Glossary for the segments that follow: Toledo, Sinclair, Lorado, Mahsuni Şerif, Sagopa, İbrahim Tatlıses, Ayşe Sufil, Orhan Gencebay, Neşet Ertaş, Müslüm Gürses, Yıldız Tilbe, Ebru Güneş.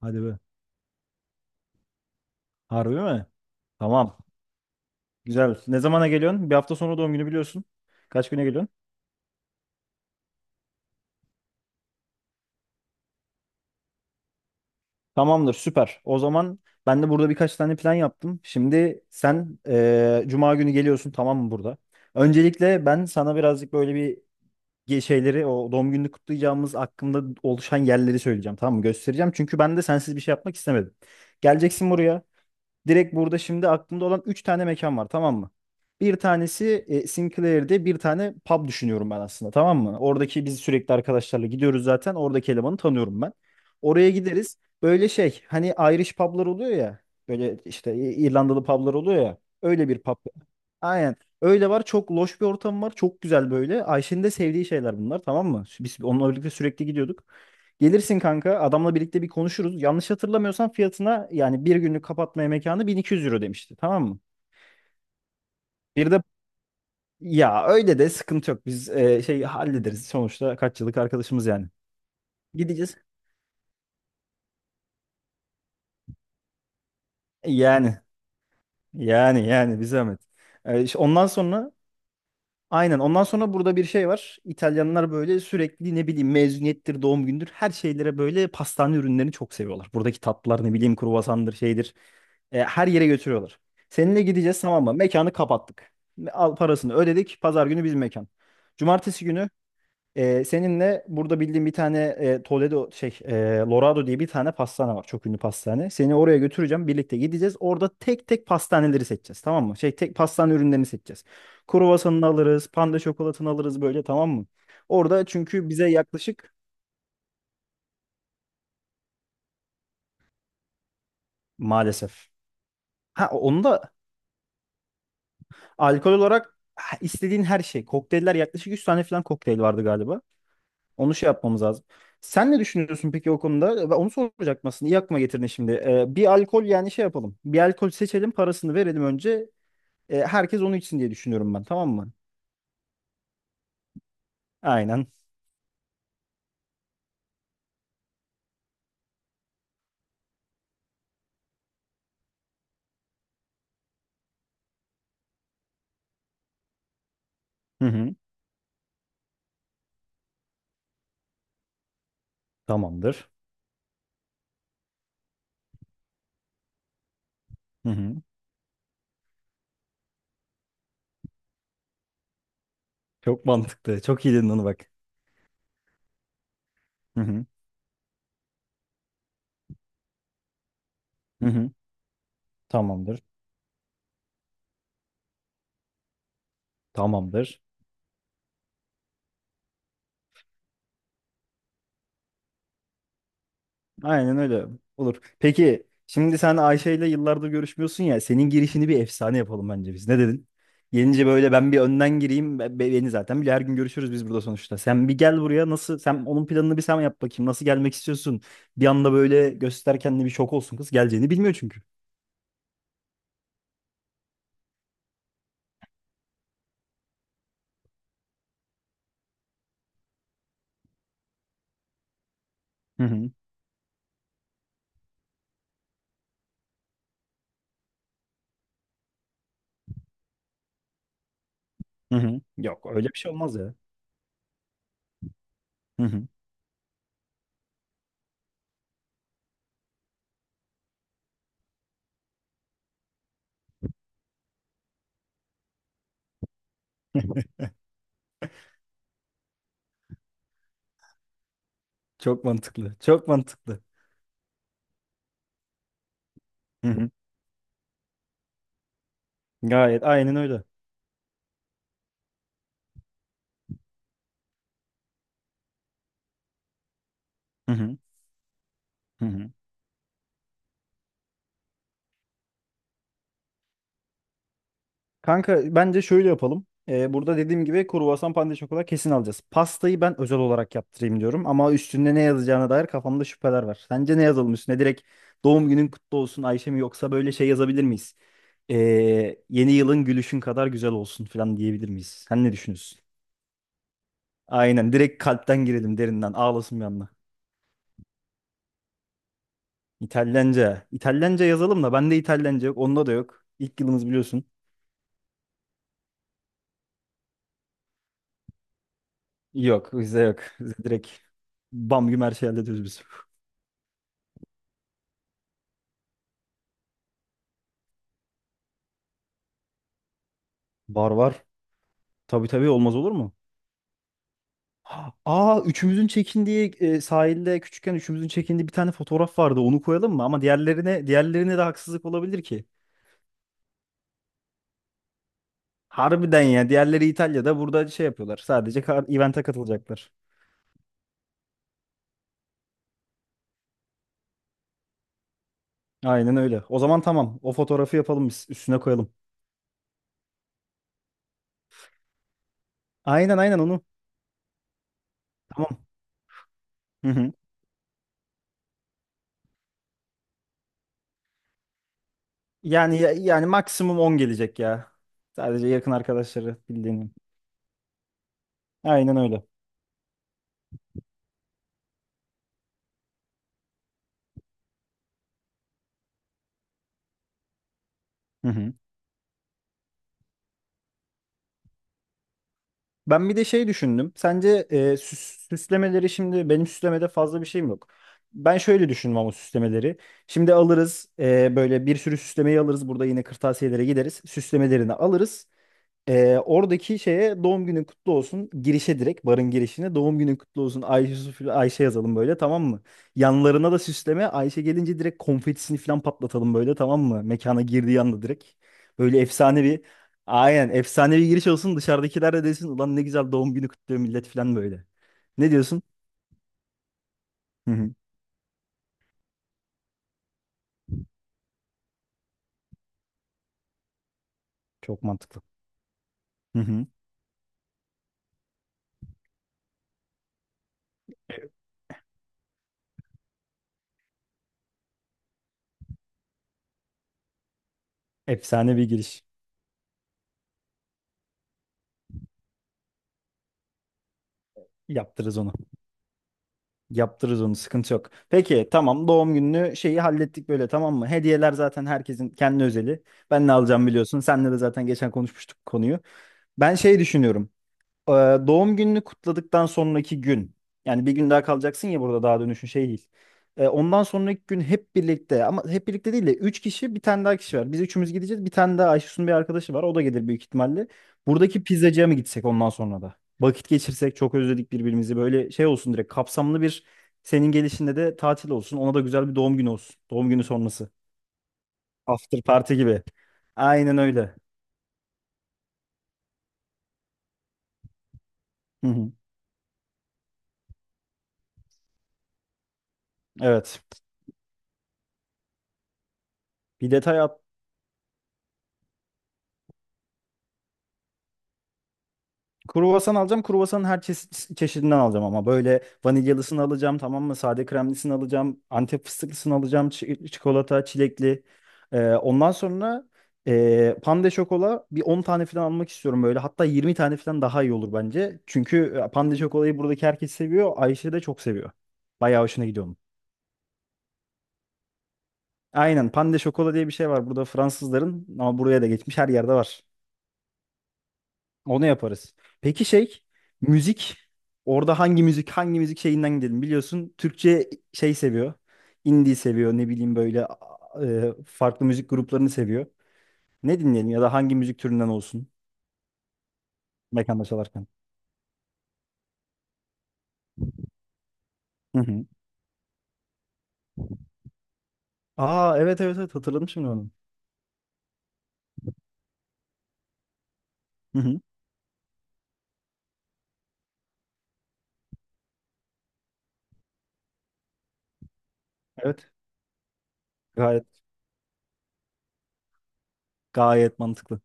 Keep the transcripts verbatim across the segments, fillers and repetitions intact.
Hadi be. Harbi mi? Tamam. Güzel. Ne zamana geliyorsun? Bir hafta sonra doğum günü biliyorsun. Kaç güne geliyorsun? Tamamdır, süper. O zaman ben de burada birkaç tane plan yaptım. Şimdi sen eee, Cuma günü geliyorsun tamam mı burada? Öncelikle ben sana birazcık böyle bir ge- şeyleri o doğum gününü kutlayacağımız hakkında oluşan yerleri söyleyeceğim tamam mı? Göstereceğim. Çünkü ben de sensiz bir şey yapmak istemedim. Geleceksin buraya. Direkt burada şimdi aklımda olan üç tane mekan var tamam mı? Bir tanesi e, Sinclair'de bir tane pub düşünüyorum ben aslında tamam mı? Oradaki biz sürekli arkadaşlarla gidiyoruz zaten. Oradaki elemanı tanıyorum ben. Oraya gideriz. Böyle şey hani Irish pub'lar oluyor ya. Böyle işte İ- İrlandalı pub'lar oluyor ya. Öyle bir pub. Aynen. Öyle var. Çok loş bir ortam var. Çok güzel böyle. Ayşe'nin de sevdiği şeyler bunlar tamam mı? Biz onunla birlikte sürekli gidiyorduk. Gelirsin kanka, adamla birlikte bir konuşuruz. Yanlış hatırlamıyorsam fiyatına yani bir günlük kapatmaya mekanı bin iki yüz euro demişti tamam mı? Bir de ya, öyle de sıkıntı yok, biz e, şey hallederiz sonuçta, kaç yıllık arkadaşımız yani. Gideceğiz. Yani yani yani bir zahmet. E, işte ondan sonra. Aynen. Ondan sonra burada bir şey var. İtalyanlar böyle sürekli ne bileyim mezuniyettir, doğum gündür her şeylere böyle pastane ürünlerini çok seviyorlar. Buradaki tatlılar ne bileyim kruvasandır şeydir. E, her yere götürüyorlar. Seninle gideceğiz tamam mı? Mekanı kapattık. Al, parasını ödedik. Pazar günü bizim mekan. Cumartesi günü ee, seninle burada bildiğim bir tane e, Toledo şey e, Lorado diye bir tane pastane var. Çok ünlü pastane. Seni oraya götüreceğim. Birlikte gideceğiz. Orada tek tek pastaneleri seçeceğiz. Tamam mı? Şey, tek pastane ürünlerini seçeceğiz. Kruvasanını alırız. Panda şokolatını alırız böyle tamam mı? Orada çünkü bize yaklaşık maalesef. Ha onu da alkol olarak, ha, istediğin her şey. Kokteyller, yaklaşık yüz tane falan kokteyl vardı galiba. Onu şey yapmamız lazım. Sen ne düşünüyorsun peki o konuda? Ben onu soracaktım aslında. İyi aklıma getirdin şimdi. Ee, bir alkol yani şey yapalım. Bir alkol seçelim, parasını verelim önce. Ee, herkes onu içsin diye düşünüyorum ben. Tamam mı? Aynen. Hı hı. Tamamdır. Hı hı. Çok mantıklı. Çok iyi dedin onu, bak. Hı hı. Hı hı. Tamamdır. Tamamdır. Aynen öyle. Olur. Peki şimdi sen Ayşe ile yıllardır görüşmüyorsun ya. Senin girişini bir efsane yapalım bence biz. Ne dedin? Gelince böyle ben bir önden gireyim. be- be- Beni zaten bile her gün görüşürüz biz burada sonuçta. Sen bir gel buraya, nasıl? Sen onun planını bir sen yap bakayım. Nasıl gelmek istiyorsun? Bir anda böyle göster kendini, bir şok olsun kız. Geleceğini bilmiyor çünkü. Hı hı. Hı hı. Yok, öyle bir şey olmaz ya. Hı hı. Çok mantıklı. Çok mantıklı. Hı hı. Gayet, aynen öyle. Hı hı. Hı hı. Kanka, bence şöyle yapalım. Ee, burada dediğim gibi kruvasan, pande şokola kesin alacağız. Pastayı ben özel olarak yaptırayım diyorum ama üstünde ne yazacağına dair kafamda şüpheler var. Sence ne yazalım üstüne? Direkt doğum günün kutlu olsun Ayşe mi, yoksa böyle şey yazabilir miyiz? Ee, yeni yılın gülüşün kadar güzel olsun falan diyebilir miyiz? Sen ne düşünüyorsun? Aynen, direkt kalpten girelim, derinden ağlasın bir anda. İtalyanca. İtalyanca yazalım da bende İtalyanca yok, onda da yok. İlk yılımız biliyorsun. Yok, bizde yok. Bizde direkt bam güm her şeyi hallediyoruz biz. Var, var. Tabii tabii, olmaz olur mu? Aa, üçümüzün çekindiği e, sahilde küçükken üçümüzün çekindiği bir tane fotoğraf vardı. Onu koyalım mı? Ama diğerlerine diğerlerine de haksızlık olabilir ki. Harbiden ya. Diğerleri İtalya'da, burada şey yapıyorlar. Sadece kar- event'e katılacaklar. Aynen öyle. O zaman tamam. O fotoğrafı yapalım biz. Üstüne koyalım. Aynen, aynen onu. Tamam. Hı hı. Yani ya- yani maksimum on gelecek ya. Sadece yakın arkadaşları bildiğin. Aynen öyle. Hı hı. Ben bir de şey düşündüm. Sence e, süs- süslemeleri, şimdi benim süslemede fazla bir şeyim yok. Ben şöyle düşündüm ama süslemeleri. Şimdi alırız e, böyle bir sürü süslemeyi alırız. Burada yine kırtasiyelere gideriz. Süslemelerini alırız. Ee, oradaki şeye doğum günün kutlu olsun, girişe, direkt barın girişine doğum günün kutlu olsun Ayşe, Sufil Ayşe yazalım böyle tamam mı? Yanlarına da süsleme, Ayşe gelince direkt konfetisini falan patlatalım böyle tamam mı? Mekana girdiği anda direkt. Böyle efsane bir aynen efsane bir giriş olsun, dışarıdakiler de desin ulan ne güzel doğum günü kutluyor millet falan böyle. Ne diyorsun? Hı hı. Çok mantıklı. Hı hı. Efsane bir giriş yaptırırız onu. Yaptırırız onu, sıkıntı yok. Peki tamam, doğum gününü, şeyi hallettik böyle tamam mı? Hediyeler zaten herkesin kendi özeli. Ben ne alacağım biliyorsun. Senle de zaten geçen konuşmuştuk bu konuyu. Ben şey düşünüyorum. Ee, doğum gününü kutladıktan sonraki gün, yani bir gün daha kalacaksın ya burada, daha dönüşün şey değil. Ee, ondan sonraki gün hep birlikte, ama hep birlikte değil de üç kişi, bir tane daha kişi var. Biz üçümüz gideceğiz. Bir tane daha Ayşesun bir arkadaşı var. O da gelir büyük ihtimalle. Buradaki pizzacıya mı gitsek ondan sonra da? Vakit geçirsek, çok özledik birbirimizi. Böyle şey olsun, direkt kapsamlı bir, senin gelişinde de tatil olsun. Ona da güzel bir doğum günü olsun. Doğum günü sonrası. After party gibi. Aynen öyle. Hı hı. Evet. Bir detay. Kruvasan alacağım. Kruvasanın her çeşit, çeşidinden alacağım ama böyle vanilyalısını alacağım tamam mı? Sade kremlisini alacağım. Antep fıstıklısını alacağım. Çi- çikolata, çilekli. Ee, ondan sonra e, pande şokola bir on tane falan almak istiyorum böyle. Hatta yirmi tane falan daha iyi olur bence. Çünkü e, pande şokolayı buradaki herkes seviyor. Ayşe de çok seviyor. Bayağı hoşuna gidiyor onun. Aynen, pande şokola diye bir şey var burada Fransızların, ama buraya da geçmiş, her yerde var. Onu yaparız. Peki şey, müzik. Orada hangi müzik, hangi müzik, şeyinden gidelim? Biliyorsun Türkçe şey seviyor. Indie seviyor, ne bileyim böyle a- e, farklı müzik gruplarını seviyor. Ne dinleyelim ya da hangi müzik türünden olsun mekanda çalarken? Hı hı. Aa, evet, evet, evet, hatırladım şimdi onu. Hı hı. Evet. Gayet gayet mantıklı.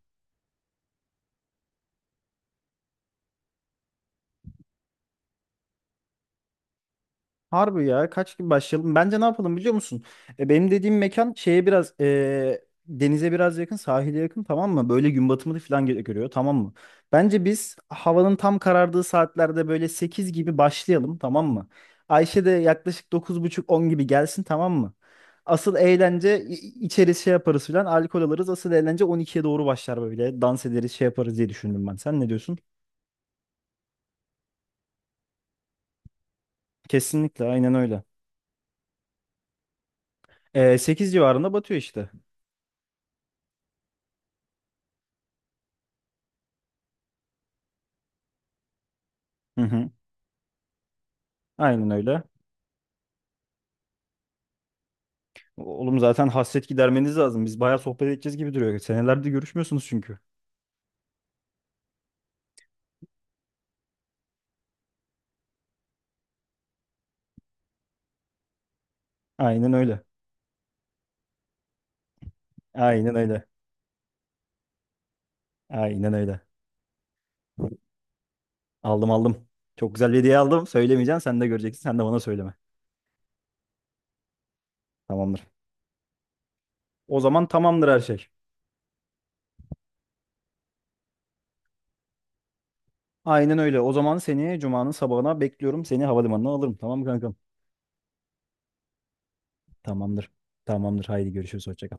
Harbi ya, kaç gibi başlayalım? Bence ne yapalım biliyor musun? E, benim dediğim mekan şeye biraz e, denize biraz yakın, sahile yakın tamam mı? Böyle gün batımını falan gö- görüyor tamam mı? Bence biz havanın tam karardığı saatlerde böyle sekiz gibi başlayalım tamam mı? Ayşe de yaklaşık dokuz buçuk on gibi gelsin tamam mı? Asıl eğlence i- içeriz, şey yaparız falan, alkol alırız. Asıl eğlence on ikiye doğru başlar böyle. Dans ederiz, şey yaparız diye düşündüm ben. Sen ne diyorsun? Kesinlikle aynen öyle. E, sekiz civarında batıyor işte. Hı hı. Aynen öyle. Oğlum zaten hasret gidermeniz lazım. Biz bayağı sohbet edeceğiz gibi duruyor. Senelerdir görüşmüyorsunuz çünkü. Aynen öyle. Aynen öyle. Aynen öyle. Aldım, aldım. Çok güzel bir hediye aldım. Söylemeyeceğim. Sen de göreceksin. Sen de bana söyleme. Tamamdır. O zaman tamamdır her şey. Aynen öyle. O zaman seni Cuma'nın sabahına bekliyorum. Seni havalimanına alırım. Tamam mı kankam? Tamamdır. Tamamdır. Haydi görüşürüz. Hoşça kal.